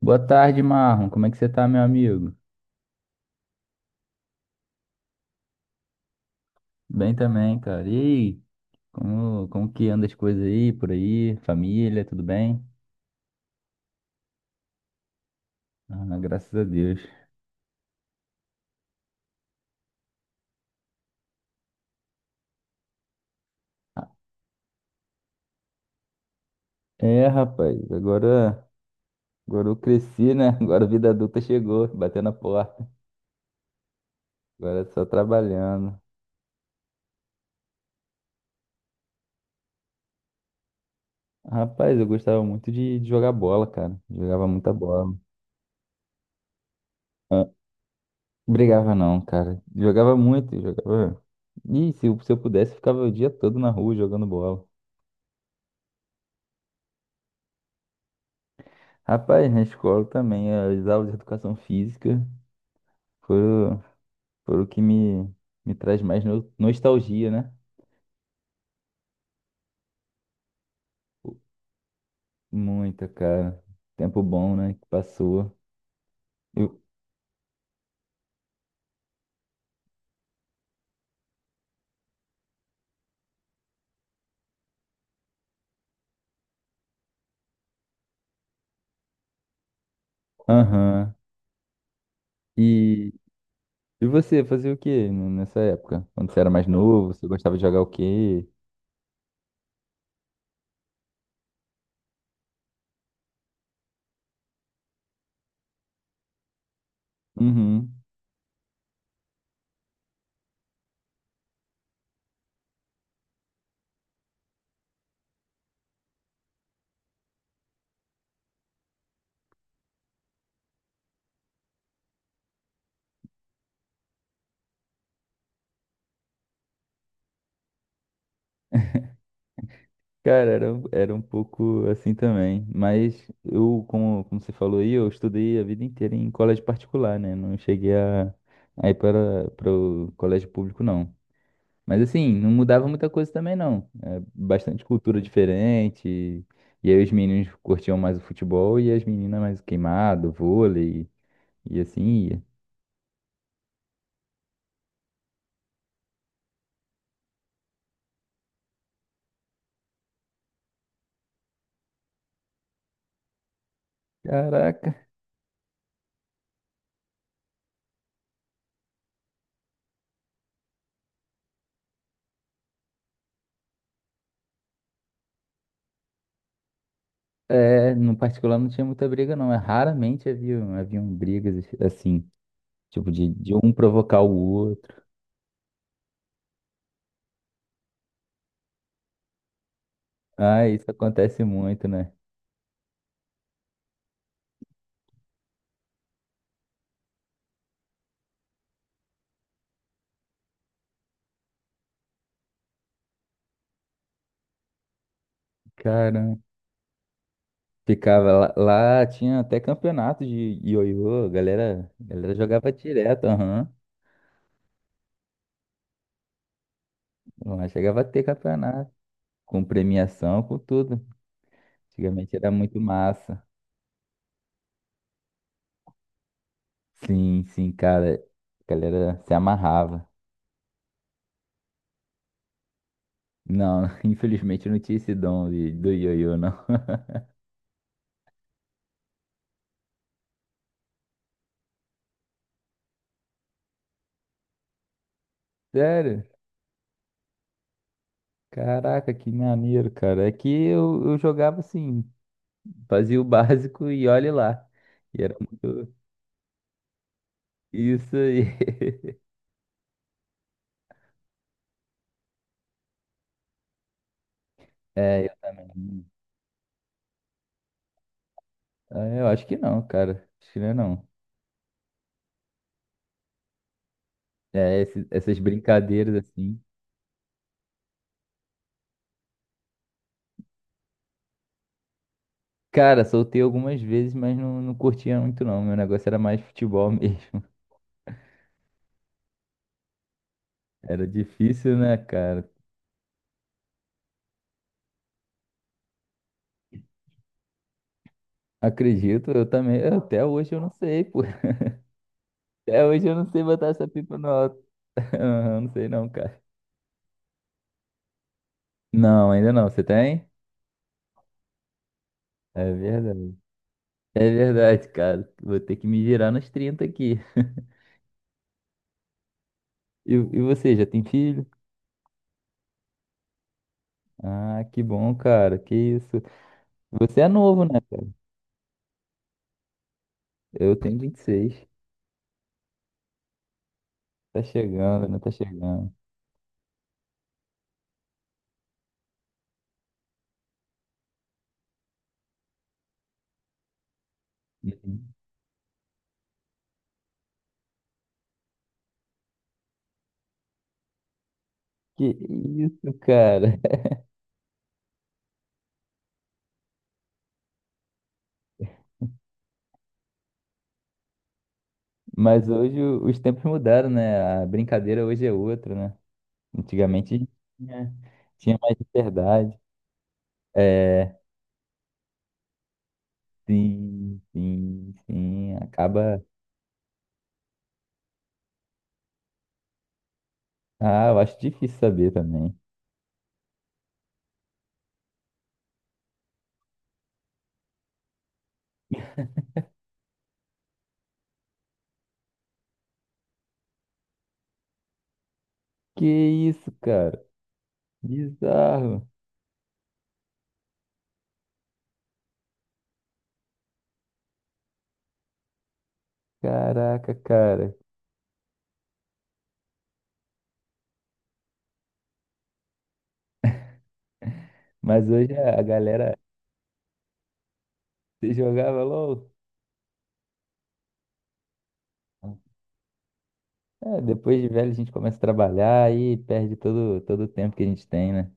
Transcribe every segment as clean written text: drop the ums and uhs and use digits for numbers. Boa tarde, Marlon. Como é que você tá, meu amigo? Bem também, cara. E aí, como que anda as coisas aí, por aí? Família, tudo bem? Ah, graças a Deus. É, rapaz, agora eu cresci, né? Agora a vida adulta chegou, batendo a porta. Agora é só trabalhando. Rapaz, eu gostava muito de jogar bola, cara. Jogava muita bola. Ah, brigava não, cara. Jogava muito, jogava. Ih, se eu pudesse, ficava o dia todo na rua jogando bola. Rapaz, na escola também, as aulas de educação física foram, foram o que me traz mais nostalgia, né? Muita, cara. Tempo bom, né? Que passou. Eu, aham. E, e você fazia o quê nessa época? Quando você era mais novo, você gostava de jogar o quê? Uhum. Cara, era um pouco assim também. Mas eu, como você falou aí, eu estudei a vida inteira em colégio particular, né? Não cheguei a ir para o colégio público, não. Mas assim, não mudava muita coisa também não. É bastante cultura diferente. E aí os meninos curtiam mais o futebol e as meninas mais o queimado, vôlei e assim ia. Caraca. É, no particular não tinha muita briga não. É, raramente haviam brigas assim, tipo de um provocar o outro. Ah, isso acontece muito, né? Caramba. Ficava lá, lá tinha até campeonato de ioiô, a galera jogava direto, aham. Lá chegava a ter campeonato. Com premiação, com tudo. Antigamente era muito massa. Sim, sim, cara. A galera se amarrava. Não, infelizmente eu não tinha esse dom do ioiô, não. Sério? Caraca, que maneiro, cara. É que eu jogava assim, fazia o básico e olhe lá. E era muito isso aí. É, eu também. Ah, eu acho que não, cara. Acho que não é não. É, essas brincadeiras assim. Cara, soltei algumas vezes, mas não, não curtia muito não. Meu negócio era mais futebol mesmo. Era difícil, né, cara? Acredito, eu também. Até hoje eu não sei, pô. Até hoje eu não sei botar essa pipa no alto. Eu não sei não, cara. Não, ainda não. Você tem? É verdade. É verdade, cara. Vou ter que me virar nos 30 aqui. E você, já tem filho? Ah, que bom, cara. Que isso. Você é novo, né? Eu tenho 26. Tá chegando, né? Tá chegando. Uhum. Que isso, cara? Mas hoje os tempos mudaram, né? A brincadeira hoje é outra, né? Antigamente a gente tinha, tinha mais liberdade. É, sim, sim, sim. Acaba. Ah, eu acho difícil saber também. Que isso, cara? Bizarro. Caraca, cara. Mas hoje a galera se jogava LOL. É, depois de velho a gente começa a trabalhar e perde todo o tempo que a gente tem, né?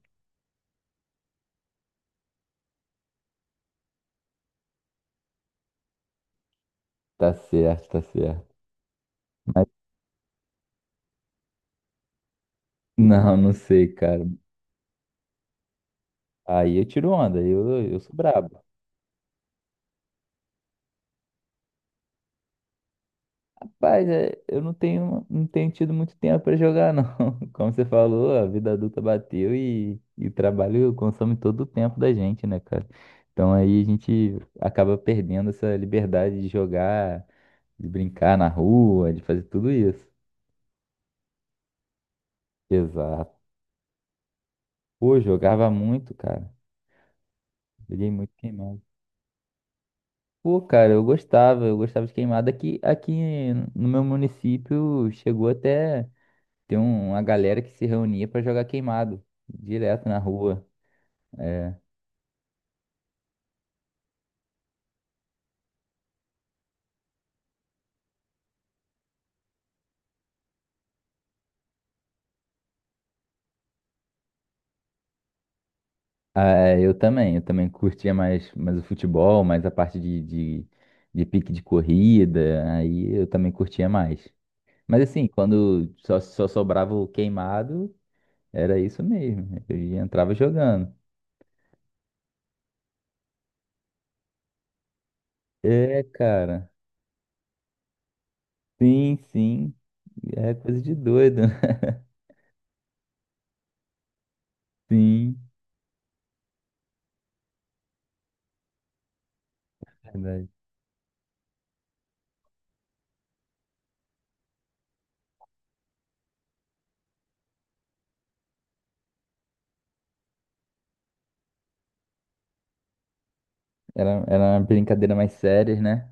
Tá certo, tá certo. Mas não, não sei, cara. Aí eu tiro onda, eu sou brabo. Rapaz, é, eu não tenho tido muito tempo pra jogar, não. Como você falou, a vida adulta bateu e o trabalho consome todo o tempo da gente, né, cara? Então aí a gente acaba perdendo essa liberdade de jogar, de brincar na rua, de fazer tudo isso. Exato. Pô, jogava muito, cara. Joguei muito queimado. Pô, cara, eu gostava de queimada. Aqui no meu município chegou até. Tem uma galera que se reunia pra jogar queimado, direto na rua. É. Ah, é, eu também curtia mais, o futebol, mais a parte de pique de corrida, aí eu também curtia mais. Mas assim, quando só sobrava o queimado, era isso mesmo, entrava jogando. É, cara, sim, sim, é coisa de doido, sim. Verdade. Era uma brincadeira mais séria, né?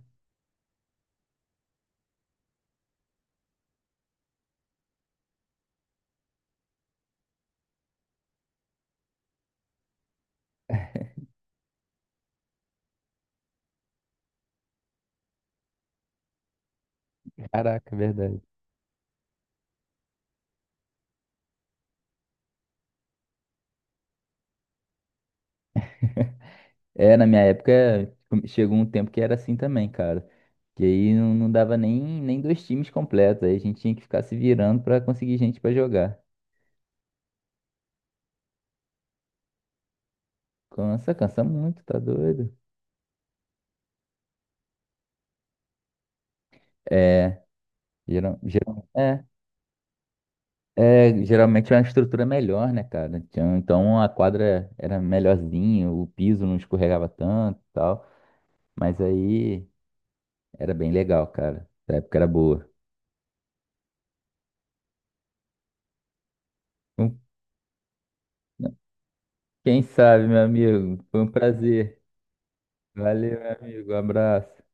Caraca, verdade. É, na minha época, tipo, chegou um tempo que era assim também, cara. Que aí não, não dava nem dois times completos. Aí a gente tinha que ficar se virando pra conseguir gente pra jogar. Cansa, cansa muito, tá doido? É, geral, geral, é, geralmente é uma estrutura melhor, né, cara? Então a quadra era melhorzinha, o piso não escorregava tanto e tal. Mas aí era bem legal, cara. A época era boa. Um- Quem sabe, meu amigo? Foi um prazer. Valeu, meu amigo. Abraço.